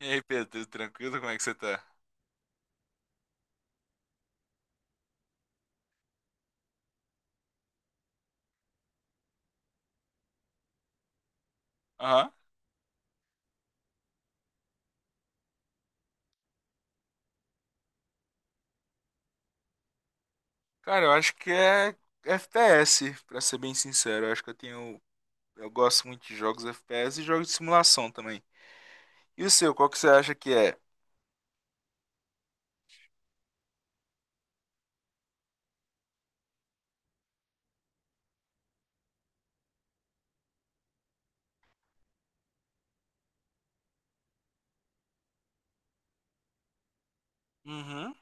E aí, Pedro, tudo tranquilo? Como é que você tá? Aham. Cara, eu acho que é FPS, pra ser bem sincero. Eu acho que eu tenho. Eu gosto muito de jogos FPS e jogos de simulação também. E o seu, qual que você acha que é? Uhum,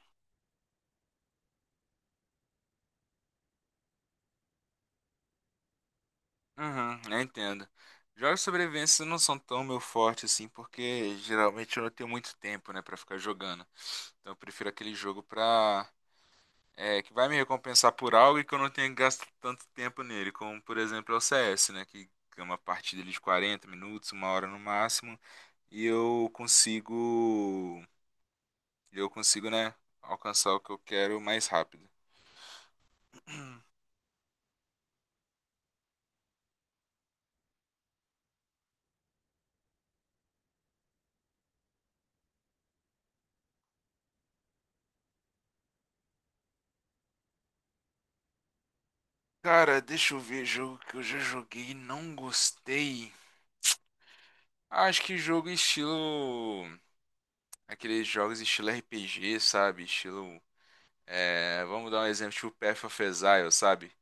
uhum, eu entendo. Jogos de sobrevivência não são tão meu forte assim, porque geralmente eu não tenho muito tempo, né, pra ficar jogando. Então eu prefiro aquele jogo pra que vai me recompensar por algo e que eu não tenha gasto tanto tempo nele, como por exemplo é o CS, né? Que é uma partida ali de 40 minutos, uma hora no máximo, e eu consigo, né, alcançar o que eu quero mais rápido. Cara, deixa eu ver jogo que eu já joguei e não gostei. Acho que jogo estilo. Aqueles jogos estilo RPG, sabe? Estilo. Vamos dar um exemplo, tipo Path of Exile, sabe?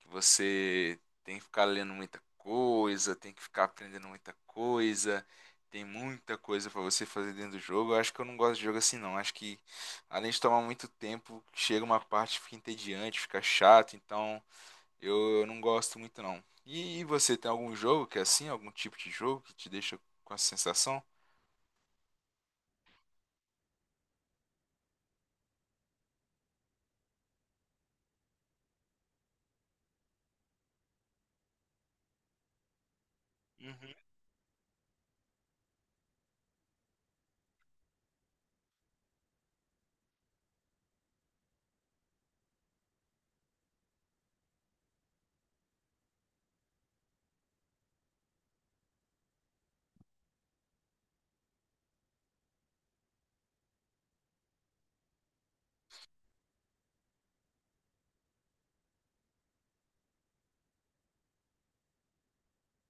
Que você tem que ficar lendo muita coisa, tem que ficar aprendendo muita coisa, tem muita coisa pra você fazer dentro do jogo. Eu acho que eu não gosto de jogo assim não. Acho que além de tomar muito tempo, chega uma parte que fica entediante, fica chato, então eu não gosto muito não. E você tem algum jogo que é assim, algum tipo de jogo que te deixa com essa sensação? Uhum.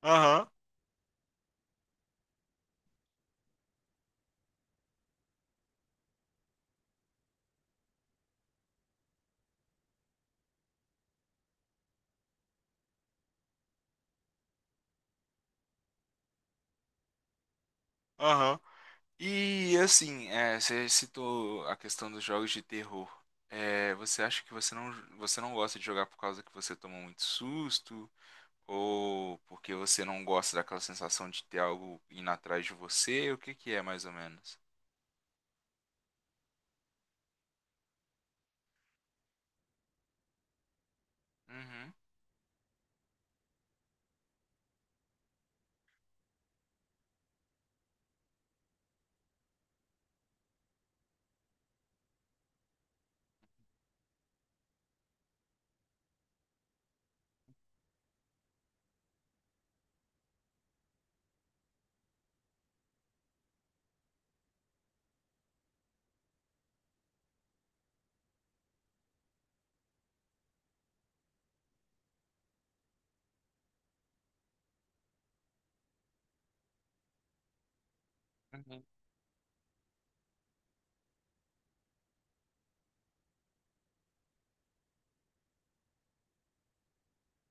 Aham, aham. E assim, você citou a questão dos jogos de terror. É, você acha que você não gosta de jogar por causa que você toma muito susto? Ou porque você não gosta daquela sensação de ter algo indo atrás de você? O que que é mais ou menos? Uhum. Uhum.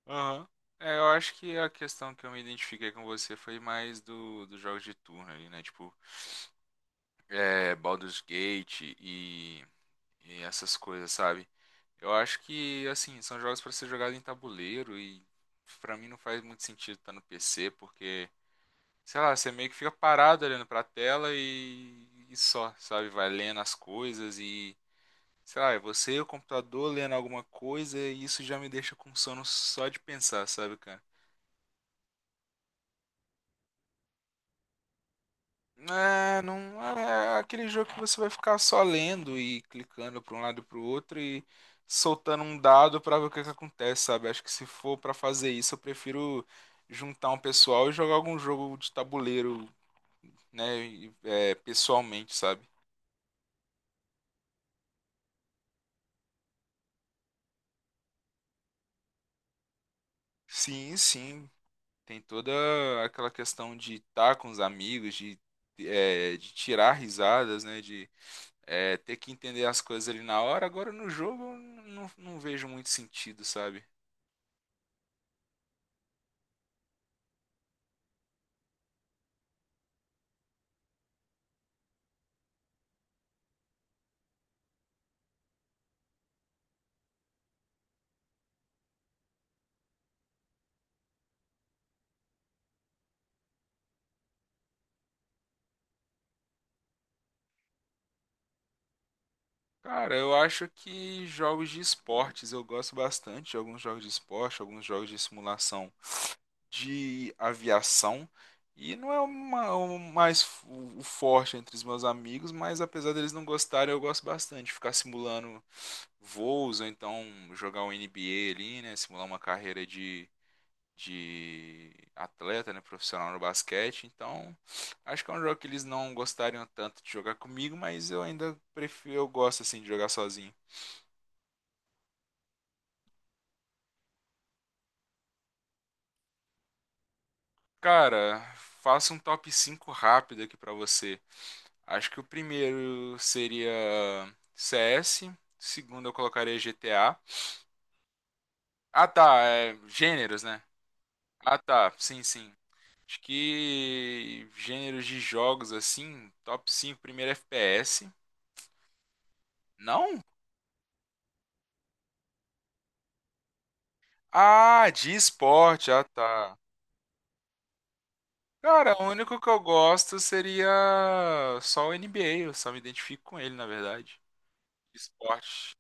Aham. É, eu acho que a questão que eu me identifiquei com você foi mais dos jogos de turno ali, né? Tipo, Baldur's Gate e essas coisas, sabe? Eu acho que, assim, são jogos para ser jogado em tabuleiro e pra mim não faz muito sentido estar no PC, porque, sei lá, você meio que fica parado olhando pra tela e só, sabe? Vai lendo as coisas e, sei lá, é você e o computador lendo alguma coisa e isso já me deixa com sono só de pensar, sabe, cara? É, não é aquele jogo que você vai ficar só lendo e clicando para um lado e para o outro e soltando um dado para ver o que que acontece, sabe? Acho que se for para fazer isso, eu prefiro juntar um pessoal e jogar algum jogo de tabuleiro, né, e, pessoalmente, sabe? Sim, sim, tem toda aquela questão de estar com os amigos, de tirar risadas, né, de ter que entender as coisas ali na hora. Agora no jogo eu não vejo muito sentido, sabe? Cara, eu acho que jogos de esportes, eu gosto bastante de alguns jogos de esporte, alguns jogos de simulação de aviação. E não é o mais o forte entre os meus amigos, mas apesar deles não gostarem, eu gosto bastante de ficar simulando voos, ou então jogar um NBA ali, né? Simular uma carreira de atleta, né? Profissional no basquete. Então, acho que é um jogo que eles não gostariam tanto de jogar comigo, mas eu ainda prefiro, eu gosto assim de jogar sozinho. Cara, faço um top 5 rápido aqui pra você. Acho que o primeiro seria CS, o segundo eu colocaria GTA. Ah, tá, gêneros, né? Ah, tá, sim, sim. Acho que gêneros de jogos assim, top 5, primeiro FPS. Não? Ah, de esporte, ah, tá. Cara, o único que eu gosto seria só o NBA, eu só me identifico com ele, na verdade. Esporte.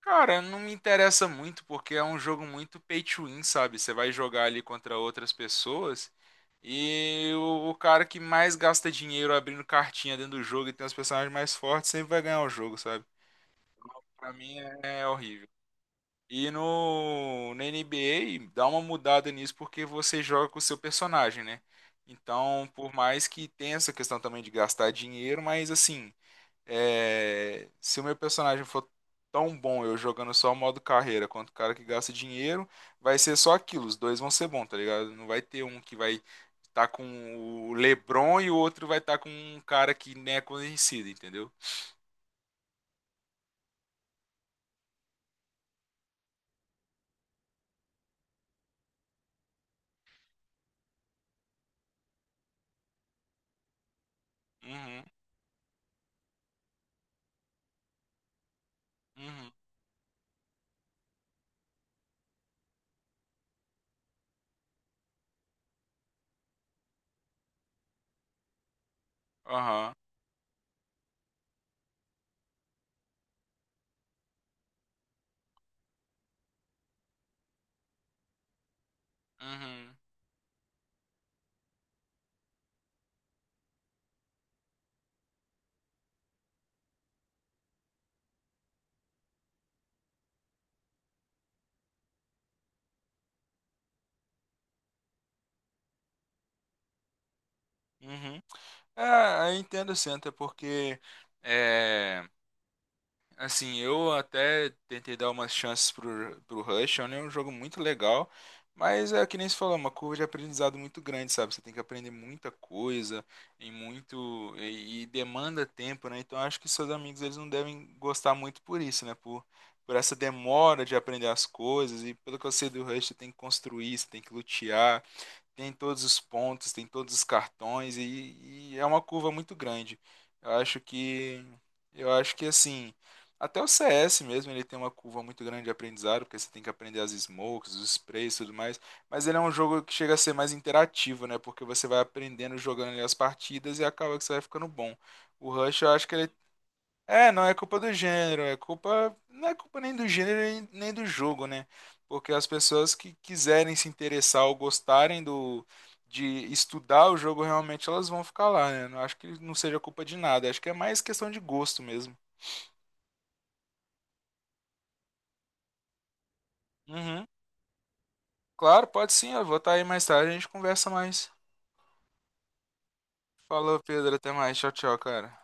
Cara, não me interessa muito porque é um jogo muito pay to win, sabe? Você vai jogar ali contra outras pessoas e o cara que mais gasta dinheiro abrindo cartinha dentro do jogo e tem os personagens mais fortes sempre vai ganhar o jogo, sabe? Pra mim é horrível. E no, na NBA dá uma mudada nisso porque você joga com o seu personagem, né? Então, por mais que tenha essa questão também de gastar dinheiro, mas assim. É, se o meu personagem for tão bom eu jogando só o modo carreira quanto o cara que gasta dinheiro, vai ser só aquilo. Os dois vão ser bons, tá ligado? Não vai ter um que vai estar com o LeBron e o outro vai estar com um cara que nem é conhecido, entendeu? Uhum, uhum, aham, uhum, uhum. É, eu entendo sim, até porque. É, assim, eu até tentei dar umas chances pro Rush, é um jogo muito legal, mas é que nem se falou, é uma curva de aprendizado muito grande, sabe? Você tem que aprender muita coisa e muito e demanda tempo, né? Então eu acho que seus amigos eles não devem gostar muito por isso, né? Por essa demora de aprender as coisas e pelo que eu sei do Rush, você tem que construir, você tem que lutear, tem todos os pontos, tem todos os cartões e é uma curva muito grande. Eu acho que eu acho que assim, até o CS mesmo, ele tem uma curva muito grande de aprendizado, porque você tem que aprender as smokes, os sprays e tudo mais, mas ele é um jogo que chega a ser mais interativo, né? Porque você vai aprendendo jogando ali as partidas e acaba que você vai ficando bom. O Rush, eu acho que ele não é culpa do gênero, é culpa, não é culpa nem do gênero nem do jogo, né? Porque as pessoas que quiserem se interessar ou gostarem do de estudar o jogo realmente elas vão ficar lá, né? Não acho que não seja culpa de nada, acho que é mais questão de gosto mesmo. Uhum. Claro, pode sim, eu vou estar aí mais tarde, a gente conversa mais. Falou, Pedro, até mais. Tchau, tchau, cara.